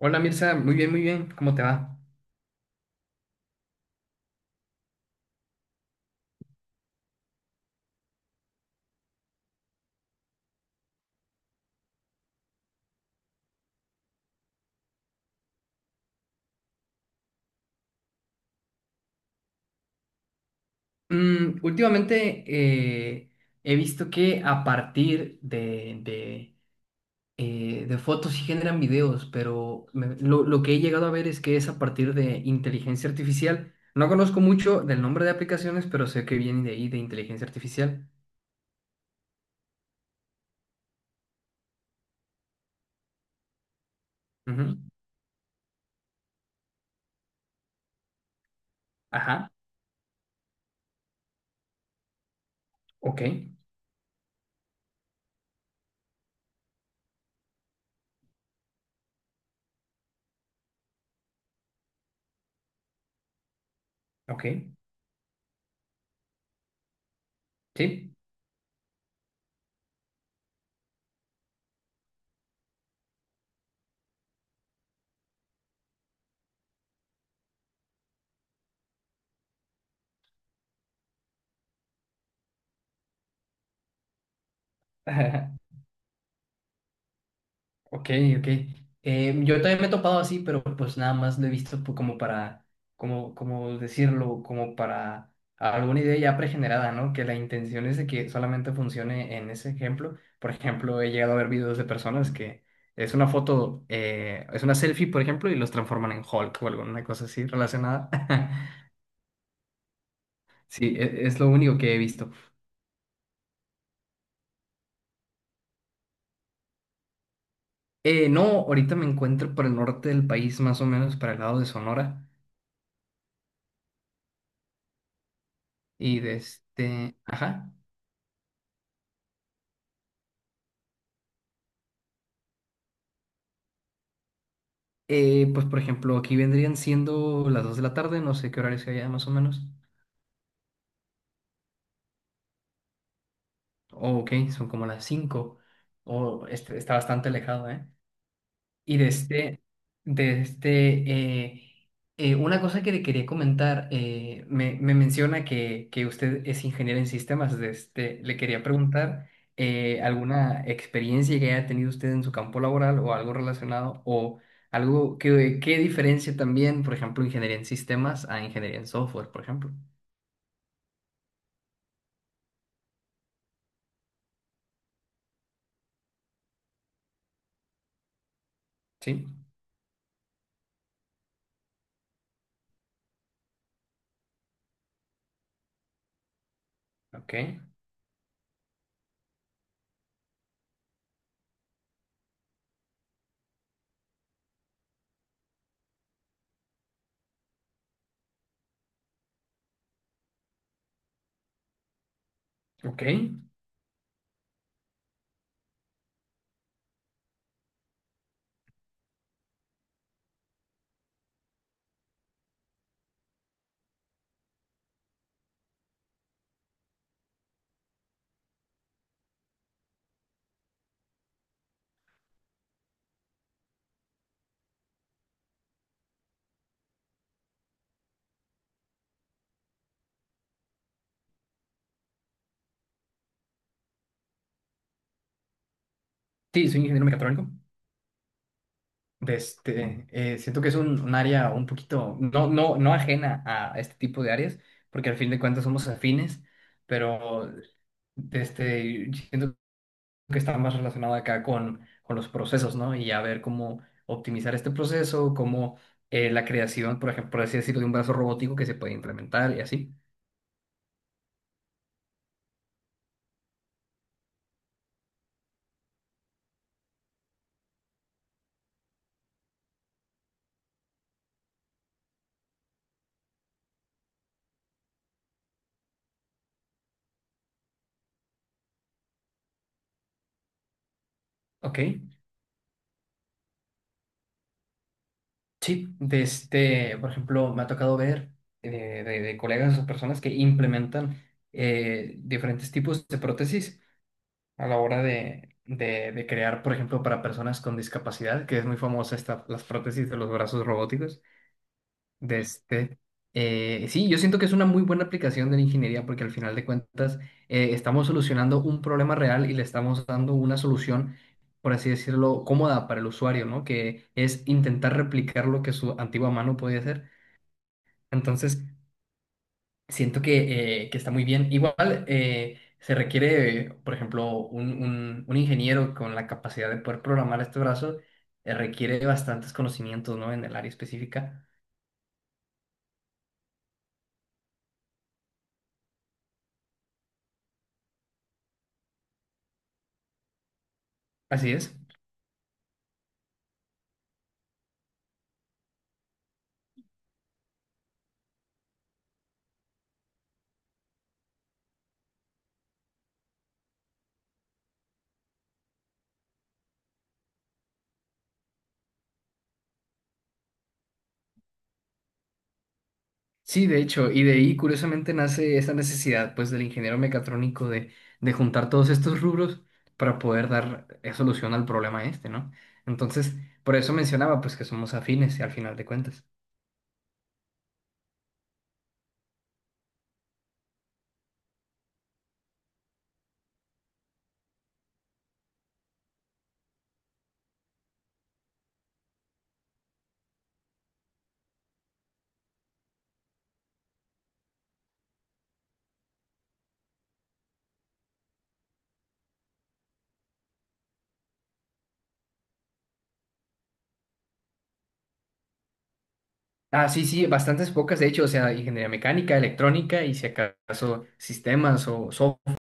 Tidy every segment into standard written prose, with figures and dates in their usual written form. Hola Mirza, muy bien, ¿cómo te va? Últimamente he visto que a partir de de fotos sí generan videos, pero lo que he llegado a ver es que es a partir de inteligencia artificial. No conozco mucho del nombre de aplicaciones, pero sé que viene de ahí, de inteligencia artificial. Ujú. Ajá, ok, ok, sí. Ok, ok. Yo también me he topado así, pero pues nada más lo he visto como para, como, como decirlo, como para alguna idea ya pregenerada, ¿no? Que la intención es de que solamente funcione en ese ejemplo. Por ejemplo, he llegado a ver videos de personas que es una foto, es una selfie, por ejemplo, y los transforman en Hulk o alguna cosa así relacionada. Sí, es lo único que he visto. No, ahorita me encuentro por el norte del país, más o menos para el lado de Sonora. Y de este, ajá. Pues por ejemplo, aquí vendrían siendo las 2 de la tarde, no sé qué horario sea allá más o menos. Oh, ok, son como las cinco. O este, está bastante alejado, ¿eh? Y de este, una cosa que le quería comentar, me menciona que usted es ingeniero en sistemas, de este, le quería preguntar alguna experiencia que haya tenido usted en su campo laboral o algo relacionado o algo que diferencia también, por ejemplo, ingeniería en sistemas a ingeniería en software, por ejemplo. Sí, ok, ok. Sí, soy ingeniero mecatrónico. De este, siento que es un área un poquito, no, no, no ajena a este tipo de áreas, porque al fin de cuentas somos afines, pero de este, siento que está más relacionado acá con los procesos, ¿no? Y a ver cómo optimizar este proceso, cómo la creación, por ejemplo, por así decirlo, de un brazo robótico que se puede implementar y así. Ok, sí, de este, por ejemplo, me ha tocado ver de colegas o personas que implementan diferentes tipos de prótesis a la hora de crear, por ejemplo, para personas con discapacidad, que es muy famosa esta, las prótesis de los brazos robóticos. De este, sí, yo siento que es una muy buena aplicación de la ingeniería porque al final de cuentas estamos solucionando un problema real y le estamos dando una solución, por así decirlo, cómoda para el usuario, ¿no? Que es intentar replicar lo que su antigua mano podía hacer. Entonces, siento que está muy bien. Igual se requiere, por ejemplo, un ingeniero con la capacidad de poder programar este brazo, requiere bastantes conocimientos, ¿no? En el área específica. Así es. Sí, de hecho, y de ahí curiosamente nace esa necesidad, pues, del ingeniero mecatrónico de juntar todos estos rubros para poder dar solución al problema este, ¿no? Entonces, por eso mencionaba, pues, que somos afines al final de cuentas. Ah, sí, sí, bastantes pocas, de hecho, o sea, ingeniería mecánica, electrónica y si acaso sistemas o software.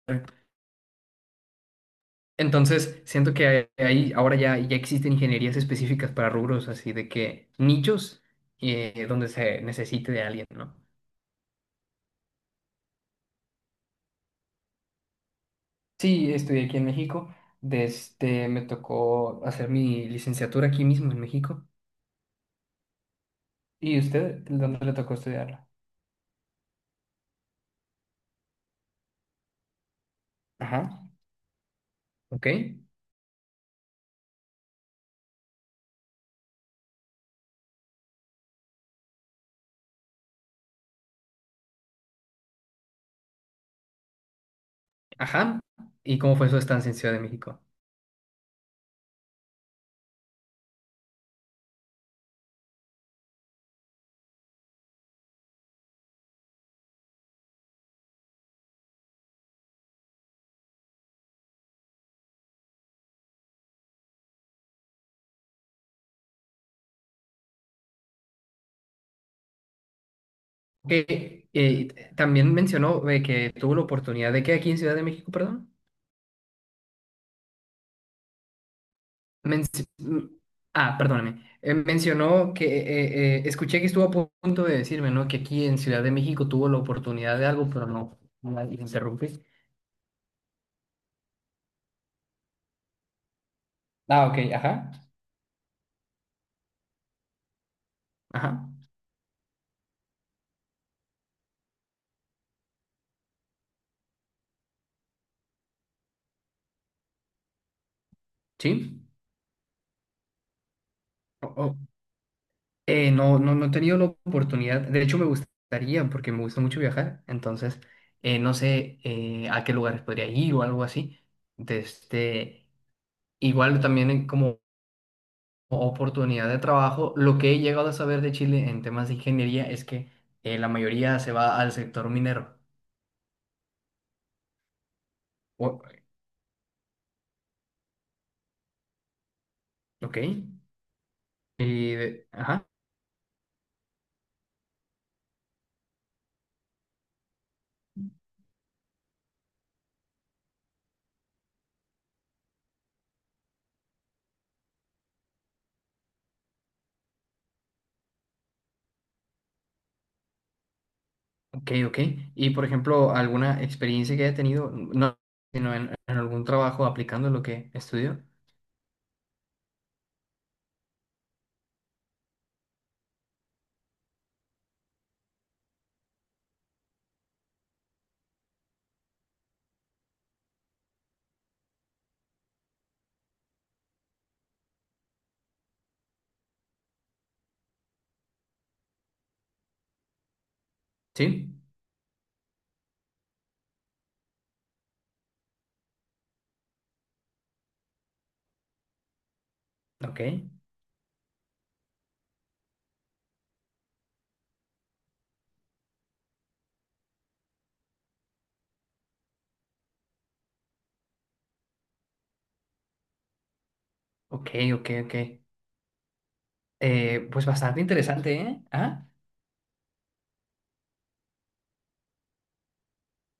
Entonces, siento que ahí ahora ya, ya existen ingenierías específicas para rubros, así de que nichos donde se necesite de alguien, ¿no? Sí, estudié aquí en México, desde me tocó hacer mi licenciatura aquí mismo en México. ¿Y usted dónde le tocó estudiarla? Ajá, ok, ajá. ¿Y cómo fue su estancia en Ciudad de México? Que también mencionó que tuvo la oportunidad de que aquí en Ciudad de México, perdón. Menci- mm, ah, perdóname. Mencionó que escuché que estuvo a punto de decirme, ¿no? Que aquí en Ciudad de México tuvo la oportunidad de algo, pero no. No la le interrumpí. Ah, ok, ajá. Ajá. Sí. O- o- no, no, no he tenido la oportunidad. De hecho, me gustaría, porque me gusta mucho viajar. Entonces, no sé a qué lugares podría ir o algo así. De este. Igual también como oportunidad de trabajo. Lo que he llegado a saber de Chile en temas de ingeniería es que la mayoría se va al sector minero. O- ok. Y ajá, ok, ok. Y por ejemplo, alguna experiencia que haya tenido, no, sino en algún trabajo aplicando lo que estudió. Sí, ok, ok, ok, ok. Pues bastante interesante, ¿eh? ¿Ah?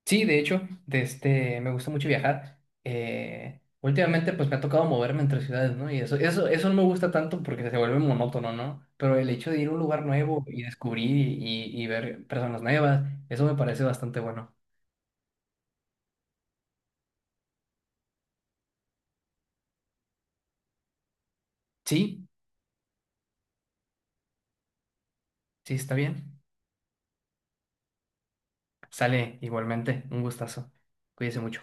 Sí, de hecho, de este, me gusta mucho viajar. Últimamente, pues me ha tocado moverme entre ciudades, ¿no? Y eso no me gusta tanto porque se vuelve monótono, ¿no? Pero el hecho de ir a un lugar nuevo y descubrir y, y ver personas nuevas, eso me parece bastante bueno. Sí, sí, está bien. Sale igualmente, un gustazo. Cuídese mucho.